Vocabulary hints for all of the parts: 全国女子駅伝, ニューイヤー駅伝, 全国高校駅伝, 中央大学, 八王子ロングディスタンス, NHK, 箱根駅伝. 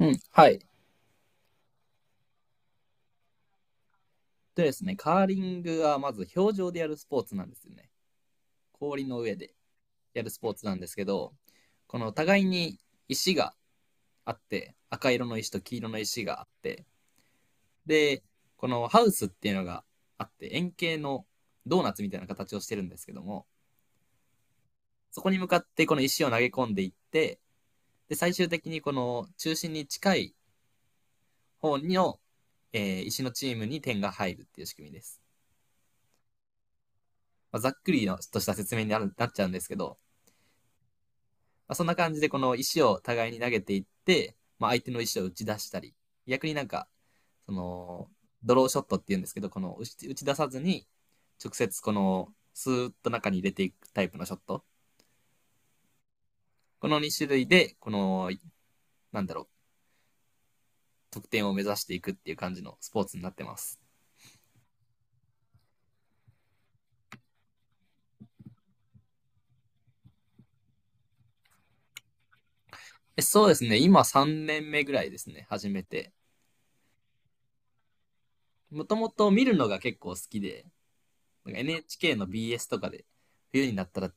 うん、はい。でですね、カーリングはまず氷上でやるスポーツなんですよね。氷の上でやるスポーツなんですけど、この互いに石があって、赤色の石と黄色の石があって、で、このハウスっていうのがあって、円形のドーナツみたいな形をしてるんですけども、そこに向かってこの石を投げ込んでいって、で、最終的にこの中心に近い方の、石のチームに点が入るっていう仕組みです。まあざっくりのとした説明になるなっちゃうんですけど、まあ、そんな感じでこの石を互いに投げていって、まあ、相手の石を打ち出したり、逆になんか、その、ドローショットって言うんですけど、この打ち出さずに、直接この、スーッと中に入れていくタイプのショット。この2種類で、この、なんだろう、得点を目指していくっていう感じのスポーツになってます。そうですね、今3年目ぐらいですね、始めて。もともと見るのが結構好きで、なんか NHK の BS とかで、冬になったら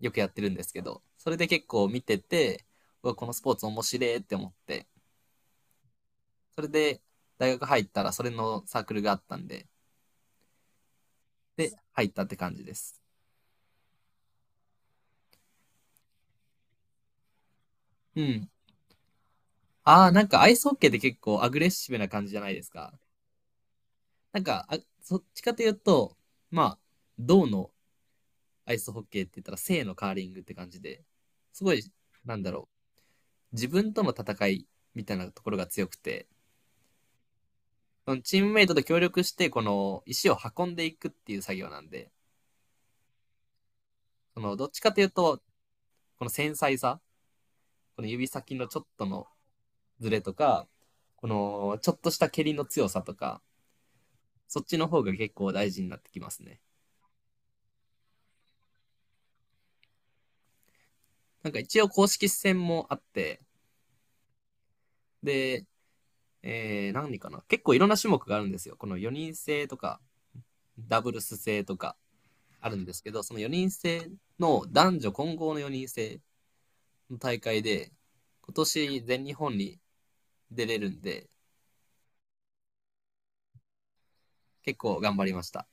よくやってるんですけど、それで結構見てて、うわ、このスポーツ面白いって思って、それで大学入ったらそれのサークルがあったんで、で、入ったって感じです。うん。ああ、なんかアイスホッケーって結構アグレッシブな感じじゃないですか。なんか、あ、そっちかというと、まあ、銅のアイスホッケーって言ったら、正のカーリングって感じで、すごい、なんだろう、自分との戦いみたいなところが強くて、そのチームメイトと協力して、この石を運んでいくっていう作業なんで、そのどっちかというと、この繊細さ、この指先のちょっとのズレとか、このちょっとした蹴りの強さとか、そっちの方が結構大事になってきますね。なんか一応公式戦もあって、で、何かな結構いろんな種目があるんですよ。この4人制とか、ダブルス制とかあるんですけど、その4人制の男女混合の4人制の大会で、今年全日本に出れるんで、結構頑張りました。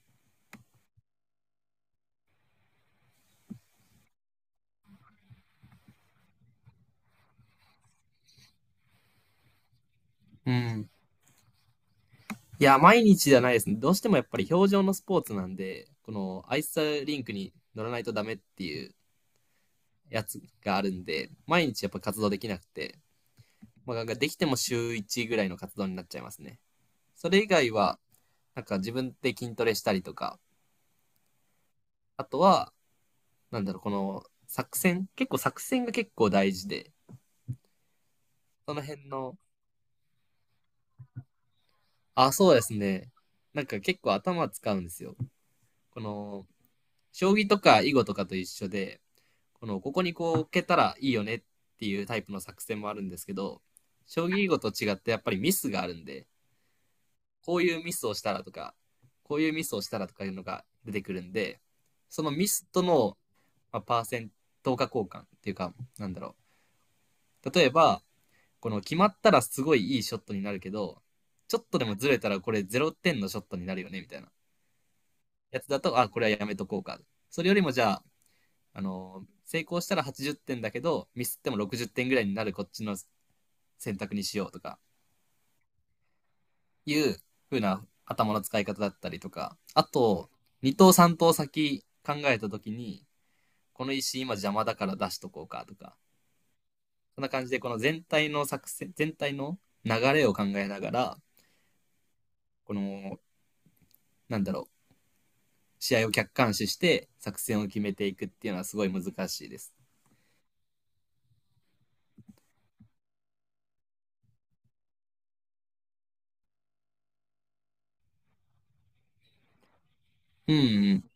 うん。いや、毎日じゃないですね。どうしてもやっぱり表情のスポーツなんで、このアイスリンクに乗らないとダメっていうやつがあるんで、毎日やっぱ活動できなくて、まあ、できても週1ぐらいの活動になっちゃいますね。それ以外は、なんか自分で筋トレしたりとか、あとは、なんだろう、この作戦結構作戦が結構大事で、その辺の、あ、そうですね。なんか結構頭使うんですよ。この、将棋とか囲碁とかと一緒で、この、ここにこう置けたらいいよねっていうタイプの作戦もあるんですけど、将棋囲碁と違ってやっぱりミスがあるんで、こういうミスをしたらとか、こういうミスをしたらとかいうのが出てくるんで、そのミスとの、まあ、パーセント化交換っていうか、なんだろう。例えば、この決まったらすごいいいショットになるけど、ちょっとでもずれたらこれ0点のショットになるよねみたいなやつだと、あ、これはやめとこうか。それよりもじゃあ、あの、成功したら80点だけど、ミスっても60点ぐらいになるこっちの選択にしようとか、いう風な頭の使い方だったりとか、あと、2等3等先考えた時に、この石今邪魔だから出しとこうかとか、そんな感じでこの全体の作戦、全体の流れを考えながら、この、なんだろう、試合を客観視して作戦を決めていくっていうのはすごい難しいです。うんうん。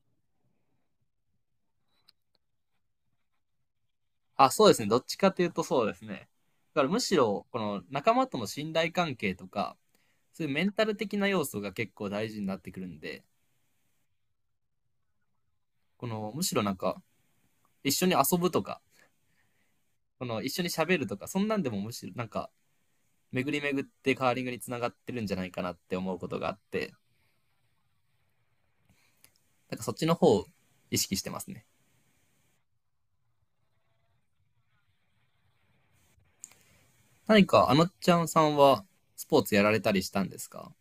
あ、そうですね。どっちかというとそうですね。だからむしろ、この仲間との信頼関係とか、そういうメンタル的な要素が結構大事になってくるんで、このむしろなんか、一緒に遊ぶとか、この一緒に喋るとか、そんなんでもむしろなんか、巡り巡ってカーリングにつながってるんじゃないかなって思うことがあって、なんかそっちの方を意識してますね。何かあのちゃんさんはスポーツやられたりしたんですか？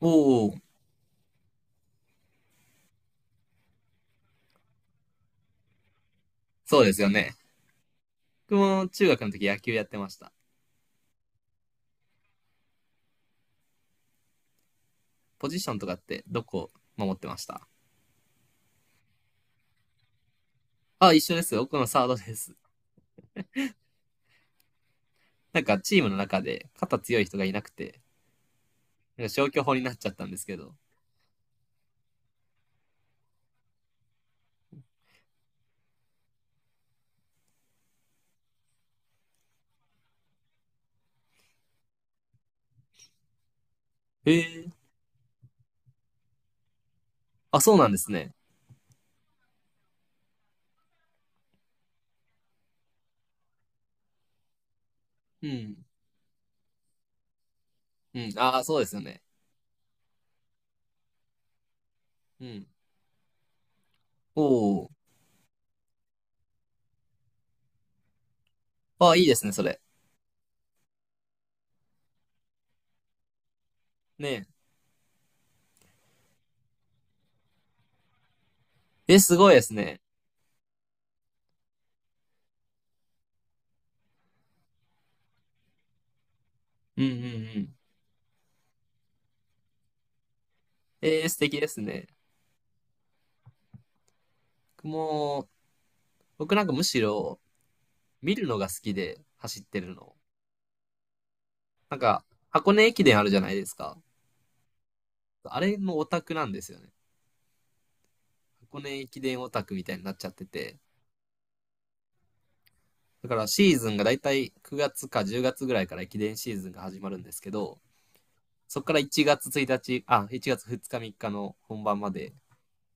おおー、そうですよね。僕も中学の時野球やってました。ポジションとかってどこ守ってました？あ、一緒です。僕のサードです。なんかチームの中で肩強い人がいなくて、なんか消去法になっちゃったんですけど。へえ。あ、そうなんですね。うん。うん。ああ、そうですよね。うん。おお。ああ、いいですね、それ。ねえ。え、すごいですね。うんうんうん。ええ素敵ですね。僕も、僕なんかむしろ見るのが好きで走ってるの。なんか、箱根駅伝あるじゃないですか。あれのオタクなんですよね。箱根駅伝オタクみたいになっちゃってて。だからシーズンがだいたい9月か10月ぐらいから駅伝シーズンが始まるんですけど、そこから1月1日、あ、1月2日3日の本番まで、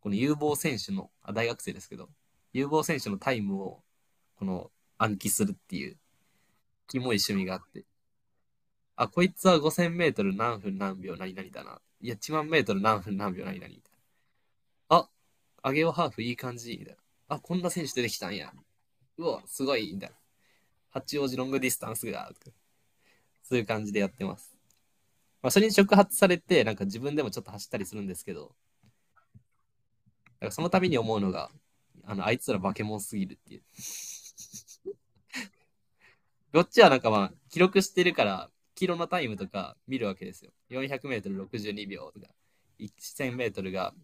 この有望選手の、あ、大学生ですけど、有望選手のタイムを、この暗記するっていう、キモい趣味があって、あ、こいつは5000メートル何分何秒何々だな。いや、1万メートル何分何秒何々みたいな。あ、アゲオハーフいい感じ、みたいな。あ、こんな選手出てきたんや。うわ、すごい、みたいな。八王子ロングディスタンスが、とかそういう感じでやってます。まあ、それに触発されて、なんか自分でもちょっと走ったりするんですけど、なんかその度に思うのが、あの、あいつら化け物すぎるっていう。こっちはなんかまあ、記録してるから、キロのタイムとか見るわけですよ。400メートル62秒とか、1000メートルが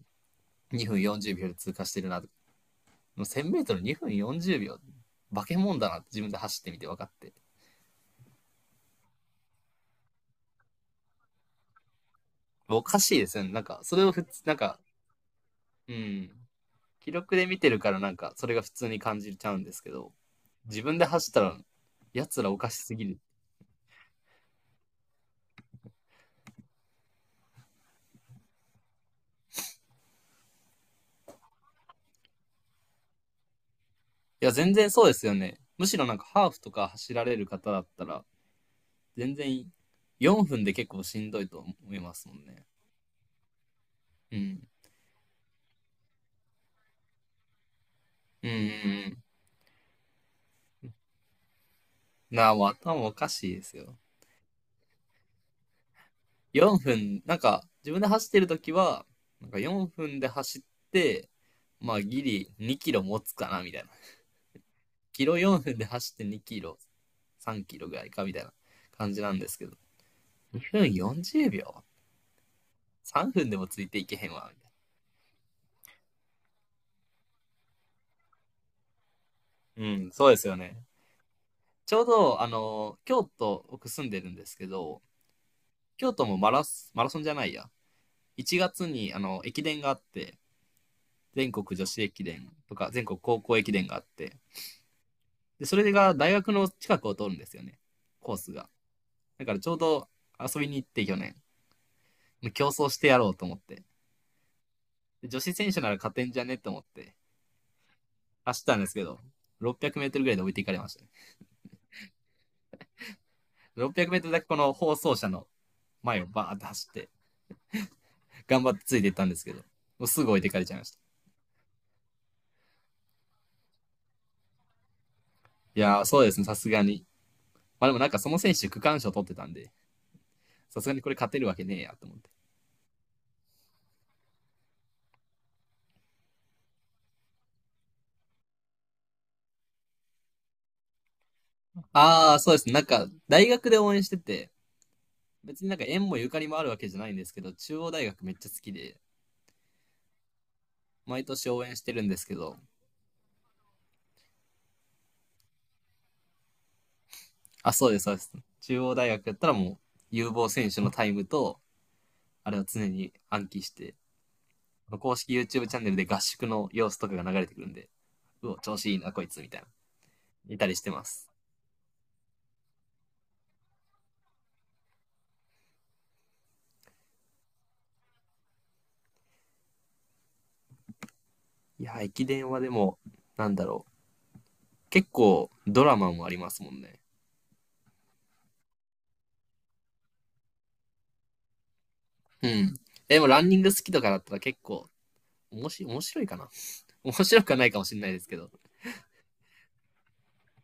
2分40秒で通過してるなとか、1000メートル2分40秒、化け物だなって自分で走ってみて分かって。おかしいですよね。なんか、それをなんか、うん、記録で見てるからなんか、それが普通に感じちゃうんですけど、自分で走ったら、やつらおかしすぎる。いや、全然そうですよね。むしろなんかハーフとか走られる方だったら、全然4分で結構しんどいと思いますもんね。うん。うんうんうん。なあ、もう頭おかしいですよ。4分、なんか自分で走ってるときは、なんか4分で走って、まあギリ2キロ持つかなみたいな。キロ4分で走って2キロ、3キロぐらいかみたいな感じなんですけど、2分40秒 ?3 分でもついていけへんわ、みたいな。うん、そうですよね。ちょうど、あの、京都、僕住んでるんですけど、京都もマラソンじゃないや。1月に、あの、駅伝があって、全国女子駅伝とか、全国高校駅伝があって、で、それが大学の近くを通るんですよね、コースが。だからちょうど遊びに行って去年、競争してやろうと思って、で女子選手なら勝てんじゃねと思って、走ったんですけど、600メートルぐらいで置いていかれました、ね。600メートルだけこの放送車の前をバーって走って、頑張ってついていったんですけど、もうすぐ置いてかれちゃいました。いやー、そうですね、さすがに。まあでもなんかその選手区間賞取ってたんで、さすがにこれ勝てるわけねえやと思って。ああ、そうですね、なんか大学で応援してて、別になんか縁もゆかりもあるわけじゃないんですけど、中央大学めっちゃ好きで、毎年応援してるんですけど、あ、そうです、そうです。中央大学やったらもう、有望選手のタイムと、あれを常に暗記して、公式 YouTube チャンネルで合宿の様子とかが流れてくるんで、うお、調子いいな、こいつ、みたいな。いたりしてます。いや、駅伝はでも、なんだろう。結構ドラマもありますもんね。うん。でもランニング好きとかだったら結構、おもし面白いかな。面白くはないかもしれないですけど。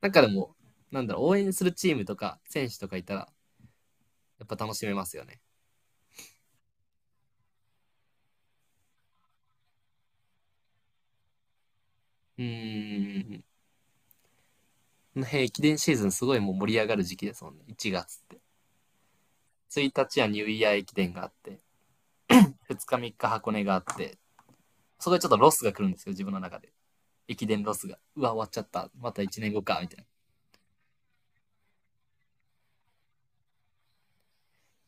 なんかでも、なんだろう、応援するチームとか選手とかいたら、やっぱ楽しめますよね。うーん。ね、駅伝シーズンすごいもう盛り上がる時期ですもんね。1月って。1日はニューイヤー駅伝があって、2日3日箱根があって、そこでちょっとロスが来るんですよ、自分の中で。駅伝ロスが。うわ、終わっちゃった。また1年後か、みたいな。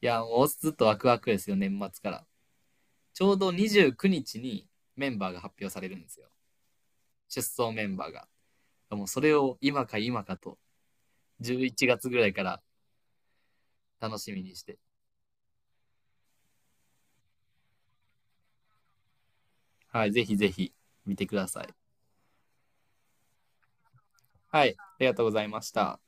いや、もうずっとワクワクですよ、年末から。ちょうど29日にちにメンバーが発表されるんですよ。出走メンバーが。もうそれを今か今かと、11月ぐらいから楽しみにして、はい、ぜひぜひ見てください。はい、ありがとうございました。